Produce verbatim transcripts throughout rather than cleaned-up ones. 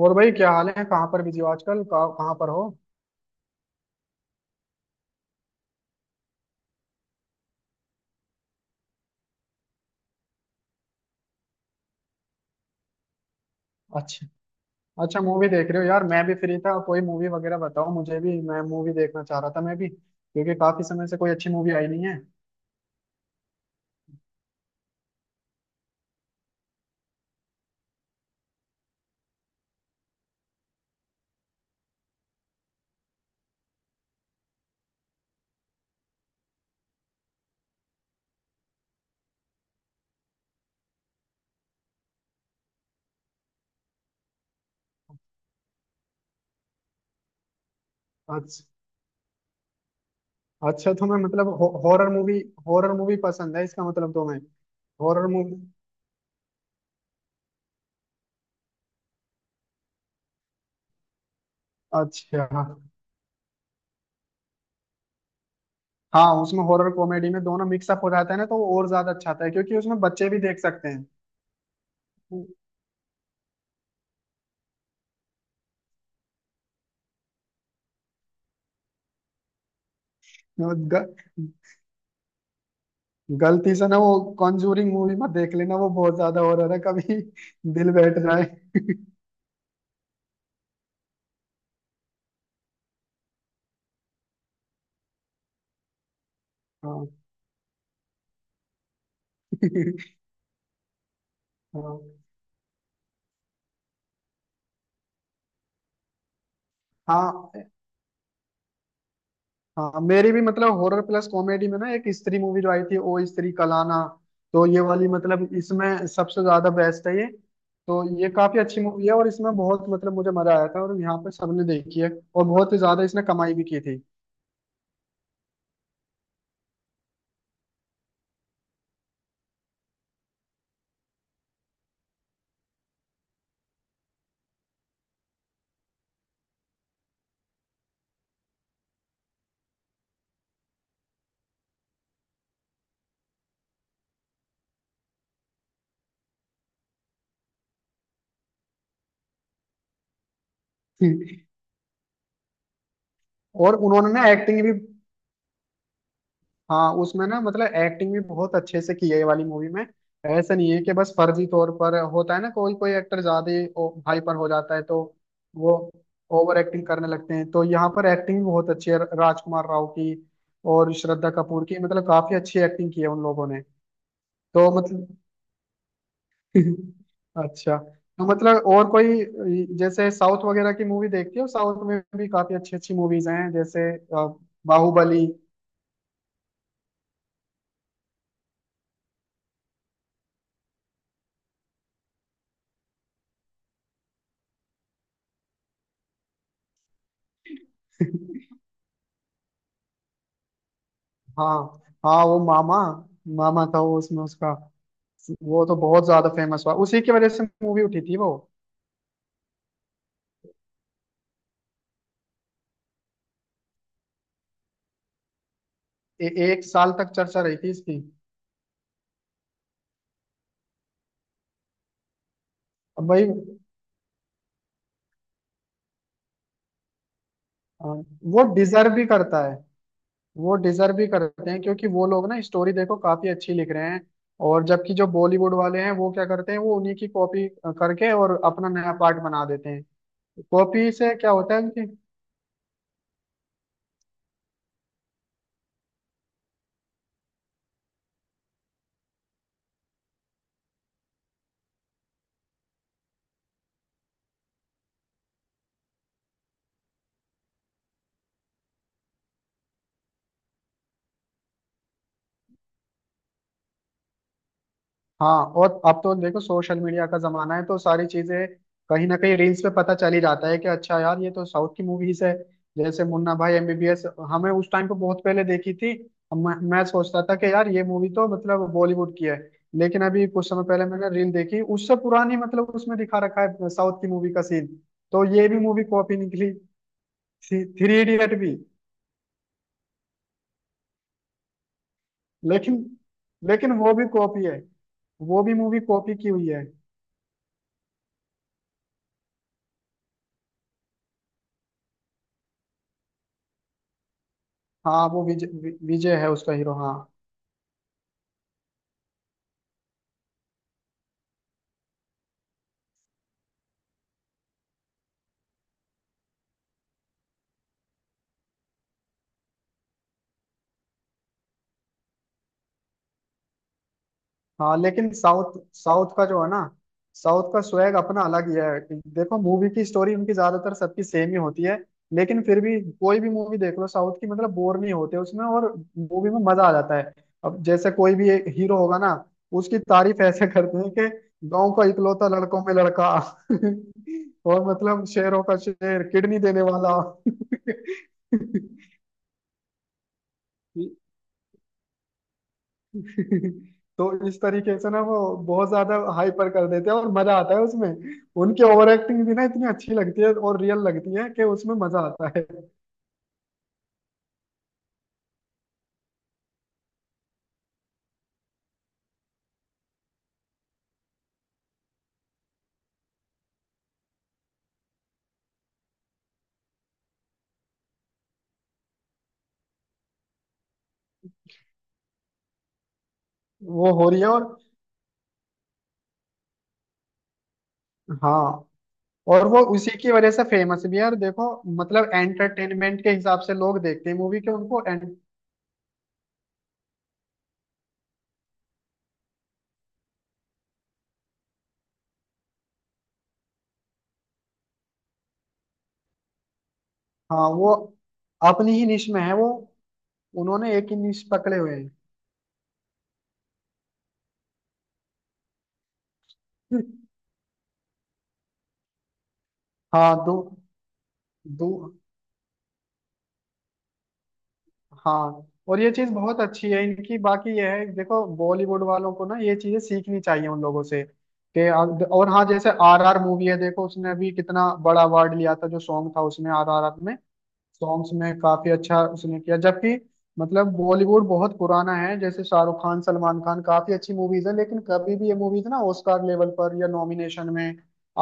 और भाई क्या हाल है? कहाँ पर बिजी हो आजकल? कहाँ कहाँ पर हो? अच्छा। अच्छा मूवी देख रहे हो यार? मैं भी फ्री था, कोई मूवी वगैरह बताओ मुझे भी। मैं मूवी देखना चाह रहा था मैं भी, क्योंकि काफी समय से कोई अच्छी मूवी आई नहीं है। अच्छा। अच्छा तो मैं मतलब हो, हॉरर मूवी, हॉरर मूवी पसंद है इसका मतलब तुम्हें? हॉरर मूवी, अच्छा। हाँ, उसमें हॉरर कॉमेडी में दोनों मिक्सअप हो जाता है ना, तो वो और ज्यादा अच्छा आता है क्योंकि उसमें बच्चे भी देख सकते हैं। ग, गलती से ना वो कॉन्जूरिंग मूवी मत देख लेना, वो बहुत ज्यादा हॉरर है कभी दिल बैठ जाए। हाँ। हाँ। हाँ, हाँ, मेरी भी, मतलब हॉरर प्लस कॉमेडी में ना, एक स्त्री मूवी जो आई थी, ओ स्त्री कलाना, तो ये वाली, मतलब इसमें सबसे ज्यादा बेस्ट है ये। तो ये काफी अच्छी मूवी है और इसमें बहुत, मतलब मुझे मजा आया था, और यहाँ पे सबने देखी है और बहुत ही ज्यादा इसने कमाई भी की थी। और उन्होंने ना एक्टिंग भी, हाँ उसमें ना मतलब एक्टिंग भी बहुत अच्छे से की है ये वाली मूवी में। ऐसा नहीं है कि बस फर्जी तौर पर होता है ना, कोई कोई एक्टर ज्यादा ही हाइपर हो जाता है तो वो ओवर एक्टिंग करने लगते हैं, तो यहाँ पर एक्टिंग भी बहुत अच्छी है राजकुमार राव की और श्रद्धा कपूर की, मतलब काफी अच्छी एक्टिंग की है उन लोगों ने। तो मतलब अच्छा। तो मतलब और कोई जैसे साउथ वगैरह की मूवी देखती हो? साउथ में भी काफी अच्छी अच्छी मूवीज हैं, जैसे अ, बाहुबली। हाँ, हाँ, वो मामा, मामा था वो उसमें उसका। वो तो बहुत ज्यादा फेमस हुआ, उसी की वजह से मूवी उठी थी वो। ए, एक साल तक चर्चा रही थी इसकी। अब भाई अ, वो डिजर्व भी करता है। वो डिजर्व भी करते हैं क्योंकि वो लोग ना, स्टोरी देखो काफी अच्छी लिख रहे हैं। और जबकि जो बॉलीवुड वाले हैं, वो क्या करते हैं, वो उन्हीं की कॉपी करके और अपना नया पार्ट बना देते हैं। कॉपी से क्या होता है कि, हाँ, और अब तो देखो सोशल मीडिया का जमाना है, तो सारी चीजें कहीं ना कहीं रील्स पे पता चल ही जाता है कि अच्छा यार ये तो साउथ की मूवीज है। जैसे मुन्ना भाई एम बी बी एस, हमें उस टाइम पे बहुत पहले देखी थी। हम- मैं सोचता था कि यार ये मूवी तो मतलब बॉलीवुड की है, लेकिन अभी कुछ समय पहले मैंने रील देखी उससे पुरानी, मतलब उसमें दिखा रखा है साउथ की मूवी का सीन, तो ये भी मूवी कॉपी निकली। थ्री इडियट भी, लेकिन लेकिन वो भी कॉपी है। वो भी मूवी कॉपी की हुई है। हाँ वो विजय, वि- विजय है उसका हीरो, हाँ। हाँ लेकिन साउथ साउथ का जो है ना, साउथ का स्वैग अपना अलग ही है। देखो मूवी की स्टोरी उनकी ज्यादातर सबकी सेम ही होती है, लेकिन फिर भी कोई भी मूवी देख लो साउथ की, मतलब बोर नहीं होते उसमें, और मूवी में मजा आ जाता है। अब जैसे कोई भी एक हीरो होगा ना, उसकी तारीफ ऐसे करते हैं कि गांव का इकलौता लड़कों में लड़का और मतलब शेरों का शेर, किडनी देने वाला। तो इस तरीके से ना, वो बहुत ज्यादा हाइपर कर देते हैं और मजा आता है उसमें। उनकी ओवर एक्टिंग भी ना इतनी अच्छी लगती है और रियल लगती है कि उसमें मजा आता है। वो हो रही है और हाँ। और वो उसी की वजह से फेमस भी है और देखो मतलब एंटरटेनमेंट के हिसाब से लोग देखते हैं मूवी के, उनको एंट... हाँ। वो अपनी ही निश में है वो, उन्होंने एक ही निश पकड़े हुए हैं। हाँ। दो, दो, हाँ, और ये चीज बहुत अच्छी है इनकी। बाकी ये है देखो, बॉलीवुड वालों को ना ये चीजें सीखनी चाहिए उन लोगों से कि अब- और हाँ, जैसे आर आर मूवी है देखो, उसने अभी कितना बड़ा अवार्ड लिया था, जो सॉन्ग था उसमें, आर आर आर में सॉन्ग्स में, काफी अच्छा उसने किया। जबकि मतलब बॉलीवुड बहुत पुराना है, जैसे शाहरुख खान, सलमान खान, काफी अच्छी मूवीज है, लेकिन कभी भी ये मूवीज ना ऑस्कार लेवल पर या नॉमिनेशन में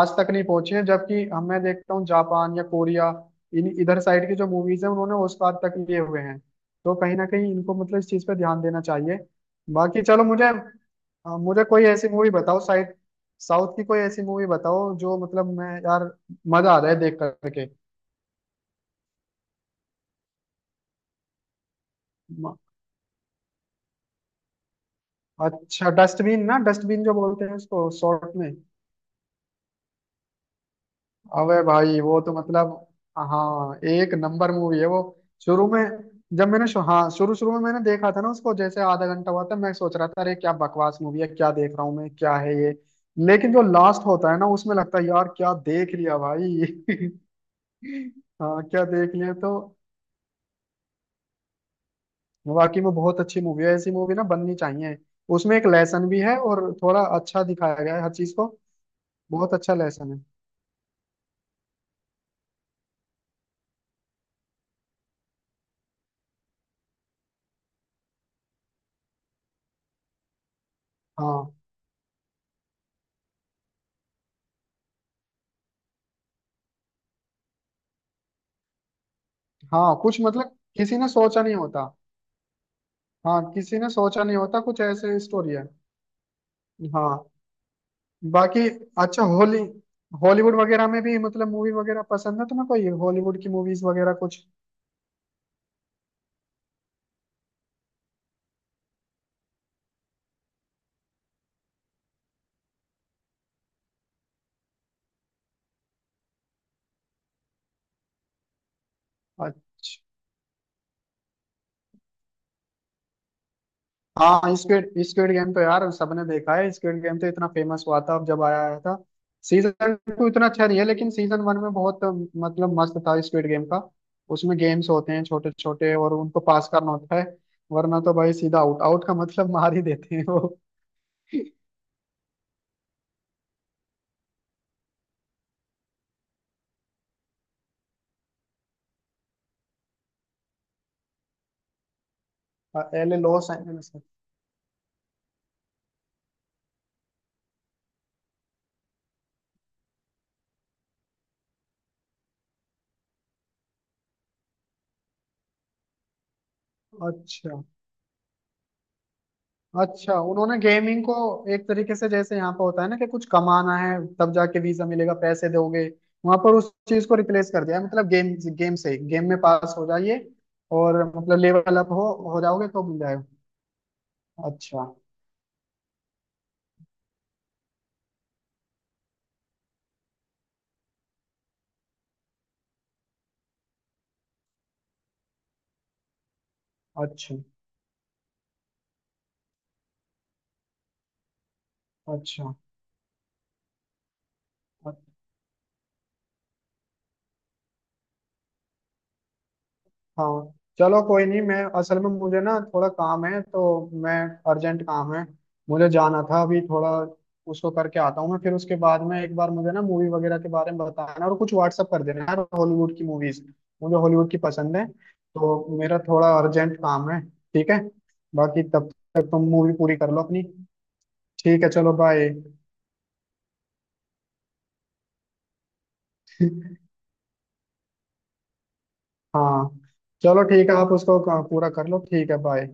आज तक नहीं पहुंची है। जबकि हम मैं देखता हूँ, जापान या कोरिया, इन इधर साइड की जो मूवीज है, उन्होंने ऑस्कार तक लिए हुए हैं। तो कहीं ना कहीं इनको मतलब इस चीज पर ध्यान देना चाहिए। बाकी चलो, मुझे अ, मुझे कोई ऐसी मूवी बताओ, साइड साउथ की कोई ऐसी मूवी बताओ, जो मतलब मैं यार मजा आ जाए देख करके। अच्छा डस्टबिन, ना डस्टबिन जो बोलते हैं उसको शॉर्ट में। अबे भाई, वो तो मतलब, हाँ एक नंबर मूवी है वो। शुरू में जब मैंने शु, हाँ शुरू शुरू में मैंने देखा था ना उसको, जैसे आधा घंटा हुआ था, मैं सोच रहा था अरे क्या बकवास मूवी है, क्या देख रहा हूँ मैं, क्या है ये। लेकिन जो लास्ट होता है ना उसमें, लगता है यार क्या देख लिया भाई। हाँ क्या देख लिया, तो वाकई में बहुत अच्छी मूवी है। ऐसी मूवी ना बननी चाहिए, उसमें एक लेसन भी है और थोड़ा अच्छा दिखाया गया है हर चीज को। बहुत अच्छा लेसन है। हाँ। हाँ, कुछ मतलब किसी ने सोचा नहीं होता। हाँ किसी ने सोचा नहीं होता कुछ ऐसे स्टोरी है। हाँ। बाकी अच्छा, होली, हॉलीवुड वगैरह में भी मतलब मूवी वगैरह पसंद है तुम्हें? कोई हॉलीवुड की मूवीज वगैरह कुछ? अच्छा। हाँ स्क्विड, स्क्विड गेम तो यार सबने देखा है। स्क्विड गेम तो इतना फेमस हुआ था अब जब आया आया था। सीजन टू इतना अच्छा नहीं है, लेकिन सीजन वन में बहुत मतलब मस्त था स्क्विड गेम का। उसमें गेम्स होते हैं छोटे छोटे और उनको पास करना होता है, वरना तो भाई सीधा आउट, आउट का मतलब मार ही देते हैं वो। एल ए, लॉस एंजल्स है। अच्छा। अच्छा उन्होंने गेमिंग को एक तरीके से जैसे यहाँ पर होता है ना कि कुछ कमाना है तब जाके वीजा मिलेगा, पैसे दोगे, वहां पर उस चीज को रिप्लेस कर दिया है, मतलब गेम, गेम से गेम में पास हो जाइए और मतलब लेवल अप हो हो जाओगे तो मिल जाएगा। अच्छा। अच्छा। अच्छा। हाँ चलो कोई नहीं, मैं असल में मुझे ना थोड़ा काम है तो मैं, अर्जेंट काम है, मुझे जाना था अभी थोड़ा, उसको करके आता हूँ मैं, फिर उसके बाद में एक बार मुझे ना मूवी वगैरह के बारे में बताना और कुछ व्हाट्सअप कर देना यार हॉलीवुड की मूवीज। मुझे हॉलीवुड की पसंद है, तो मेरा थोड़ा अर्जेंट काम है। ठीक है, बाकी तब तक तुम मूवी पूरी कर लो अपनी। ठीक है चलो, बाय। हाँ, चलो ठीक है, आप उसको पूरा कर लो, ठीक है, बाय।